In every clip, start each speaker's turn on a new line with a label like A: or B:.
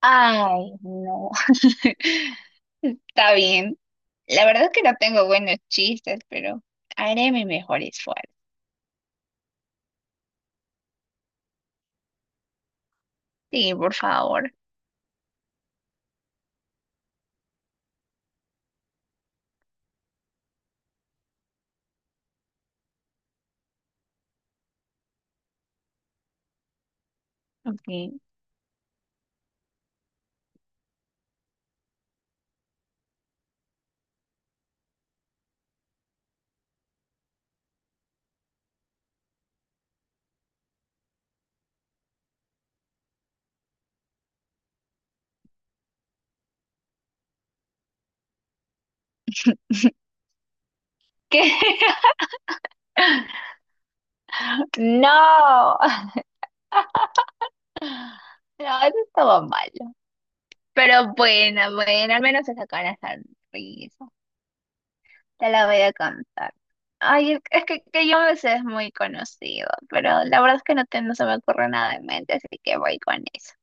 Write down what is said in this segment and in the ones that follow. A: Ay, no. Está bien. La verdad es que no tengo buenos chistes, pero haré mi mejor esfuerzo. Sí, por favor. Ok. ¿Qué? No. No, eso estaba malo. Pero bueno, bueno, al menos se sacan la sonrisa. Te la voy a cantar. Ay, es que yo me sé es muy conocido, pero la verdad es que no, no se me ocurre nada en mente, así que voy con eso.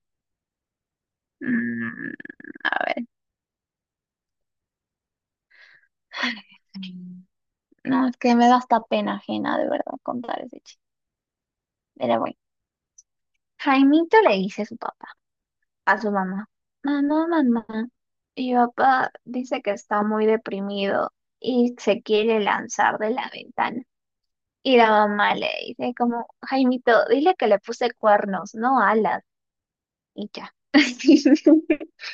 A: Mm, a ver. No, es que me da hasta pena ajena, de verdad, contar ese chiste. Pero bueno, Jaimito le dice a su papá, a su mamá, mamá, mamá, mi papá dice que está muy deprimido y se quiere lanzar de la ventana. Y la mamá le dice como, Jaimito, dile que le puse cuernos, no alas, y ya.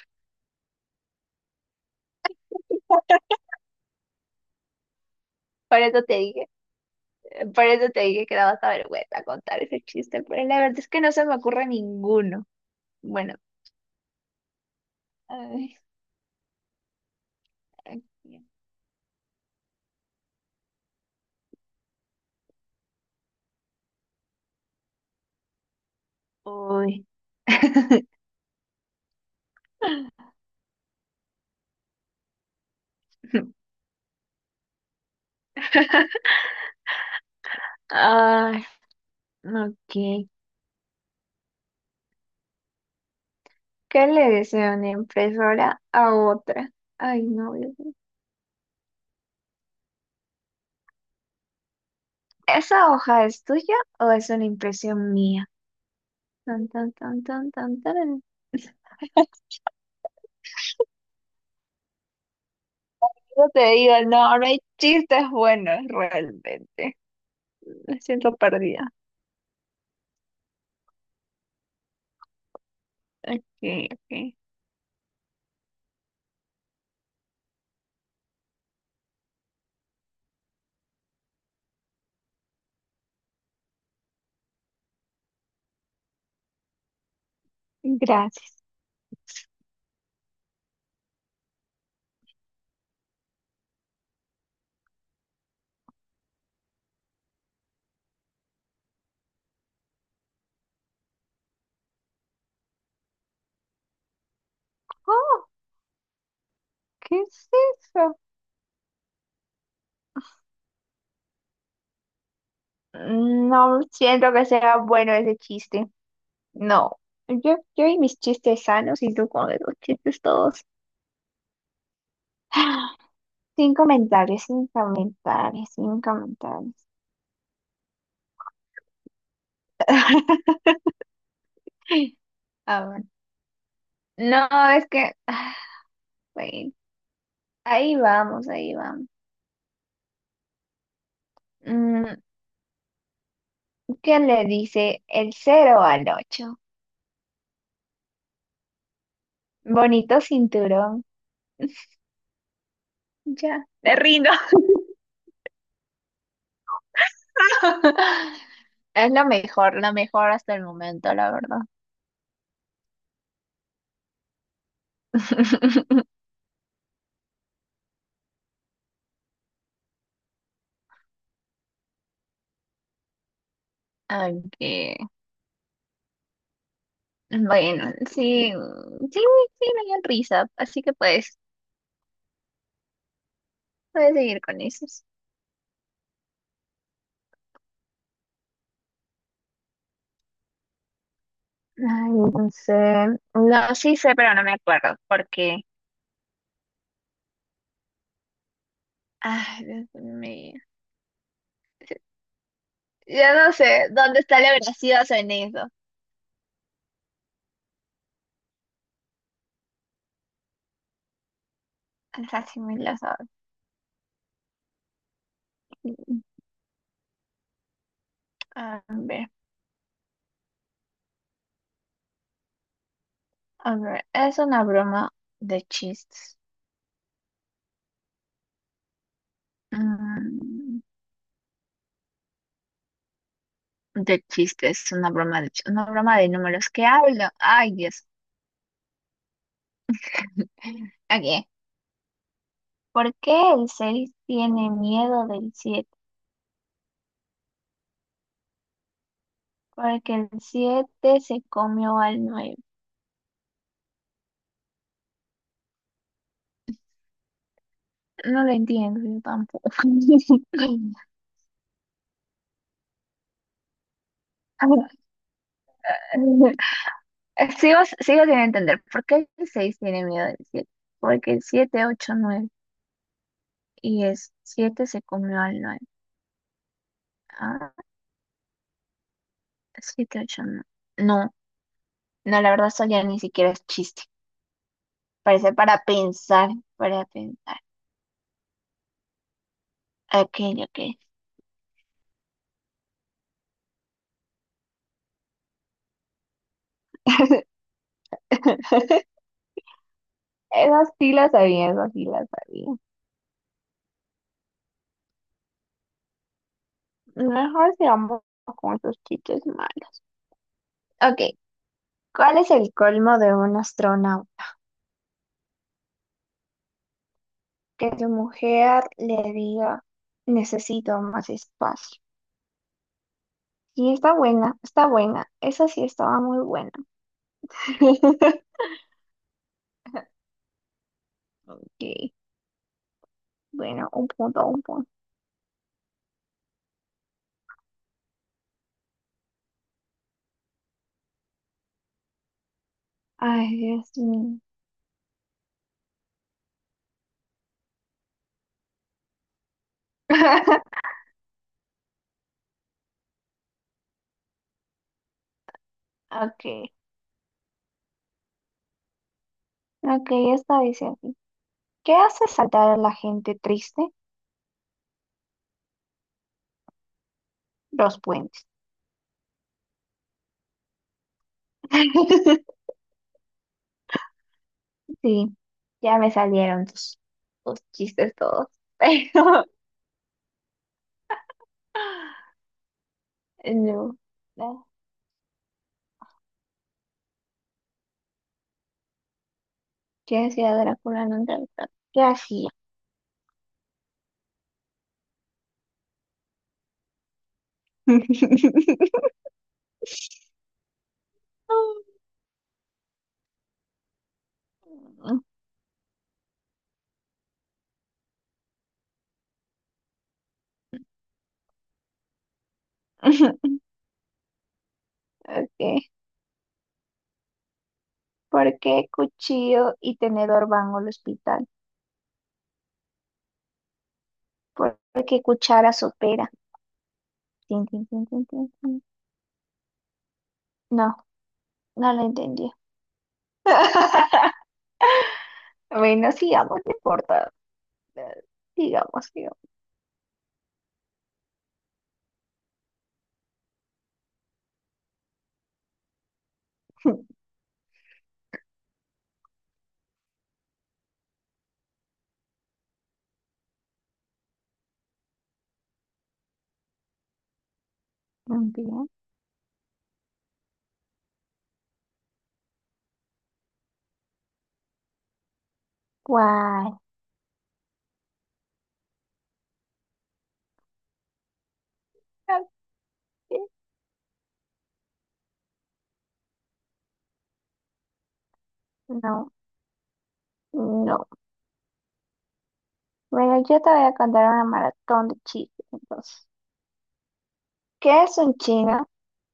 A: Por eso te dije, por eso te dije que daba hasta vergüenza contar ese chiste, pero la verdad es que no se me ocurre ninguno. Bueno, ay, ay, uy. Ay, ok. ¿Qué le desea una impresora a otra? Ay, no. Dios mío. ¿Esa hoja es tuya o es una impresión mía? Tan, tan, tan, tan, tan, tan. Yo te digo, no, ahora hay chistes buenos realmente. Me siento perdida. Ok, ok. Gracias. Oh, ¿qué es eso? No siento que sea bueno ese chiste. No, yo y mis chistes sanos y tú con los chistes todos. Sin comentarios, sin comentarios, sin comentarios. A ver. No, es que, bueno, ahí vamos, ahí vamos. Mm, ¿qué le dice el cero al 8? Bonito cinturón. Ya, me rindo. Es lo mejor hasta el momento, la verdad. Ok. Bueno, sí, sí, sí me dio risa, así que puedes seguir con esos. Ay, no sé, no, sí sé, pero no me acuerdo, porque, ay, Dios mío, ya no sé dónde está la veracidad en eso. Así me la sabe. A ver, a ver, es una broma de chistes. Mm, de chistes, una broma de números. ¿Qué hablo? Ay, Dios. Aquí. ¿Por qué el 6 tiene miedo del siete? Porque el 7 se comió al 9. No lo entiendo yo tampoco. Sigo sin entender. ¿Por qué el 6 tiene miedo del siete? Porque el 7, 8, nueve. Y el 7 se comió al 9. Ah, 7, 8, 9. No, no, la verdad eso ya ni siquiera es chiste. Parece para pensar, para pensar. Ok, ok. Esas sí las sabía, esas sí las sabía. Mejor sigamos con esos chistes malos. Ok, ¿cuál es el colmo de un astronauta? Que su mujer le diga, necesito más espacio. Y está buena, está buena. Esa sí estaba muy buena. Ok, bueno, un punto, un punto. Ay, Dios mío. Ok, ok, esta dice así. ¿Qué hace saltar a la gente triste? Los puentes. Sí, ya me salieron tus chistes todos. Pero, no. ¿Qué hacía Drácula en un teatro? ¿Qué hacía? Okay. ¿Por qué cuchillo y tenedor van al hospital? ¿Por qué cuchara sopera? Tin, tin, tin, tin, tin, tin. No, no lo entendí. Bueno, sigamos, no importa. Eh, Sigamos, sigamos. Bien. ¿Cuál? Ok, no, no. Bueno, yo te voy a contar una maratón de chistes, entonces. ¿Qué es un chino?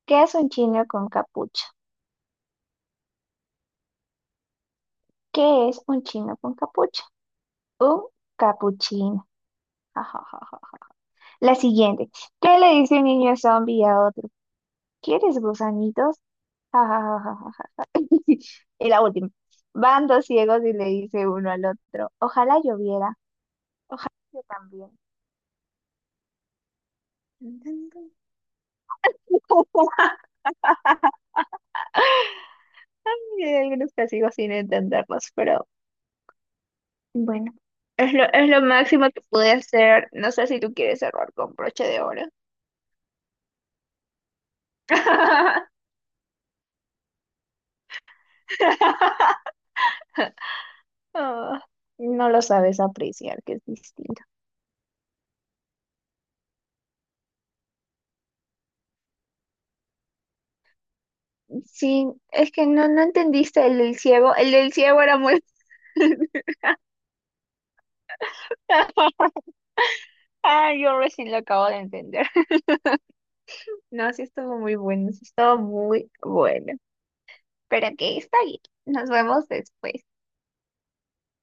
A: ¿Qué es un chino con capucha? ¿Qué es un chino con capucha? Un capuchino. Ja, ja, ja, ja. La siguiente. ¿Qué le dice un niño zombie a otro? ¿Quieres gusanitos? Ja, ja, ja, ja, ja, ja, ja. Y la última. Van dos ciegos y le dice uno al otro. Ojalá lloviera. Ojalá yo también. Tun, tun, tun. Y hay algunos que sigo sin entenderlos, pero bueno. Es lo máximo que pude hacer. No sé si tú quieres cerrar con broche de oro. Ah, no lo sabes apreciar, que es distinto. Sí, es que no, no entendiste el del ciego. El del ciego era muy. Ah, yo recién lo acabo de entender. No, sí estuvo muy bueno, sí estuvo muy bueno. Pero que está bien. Nos vemos después.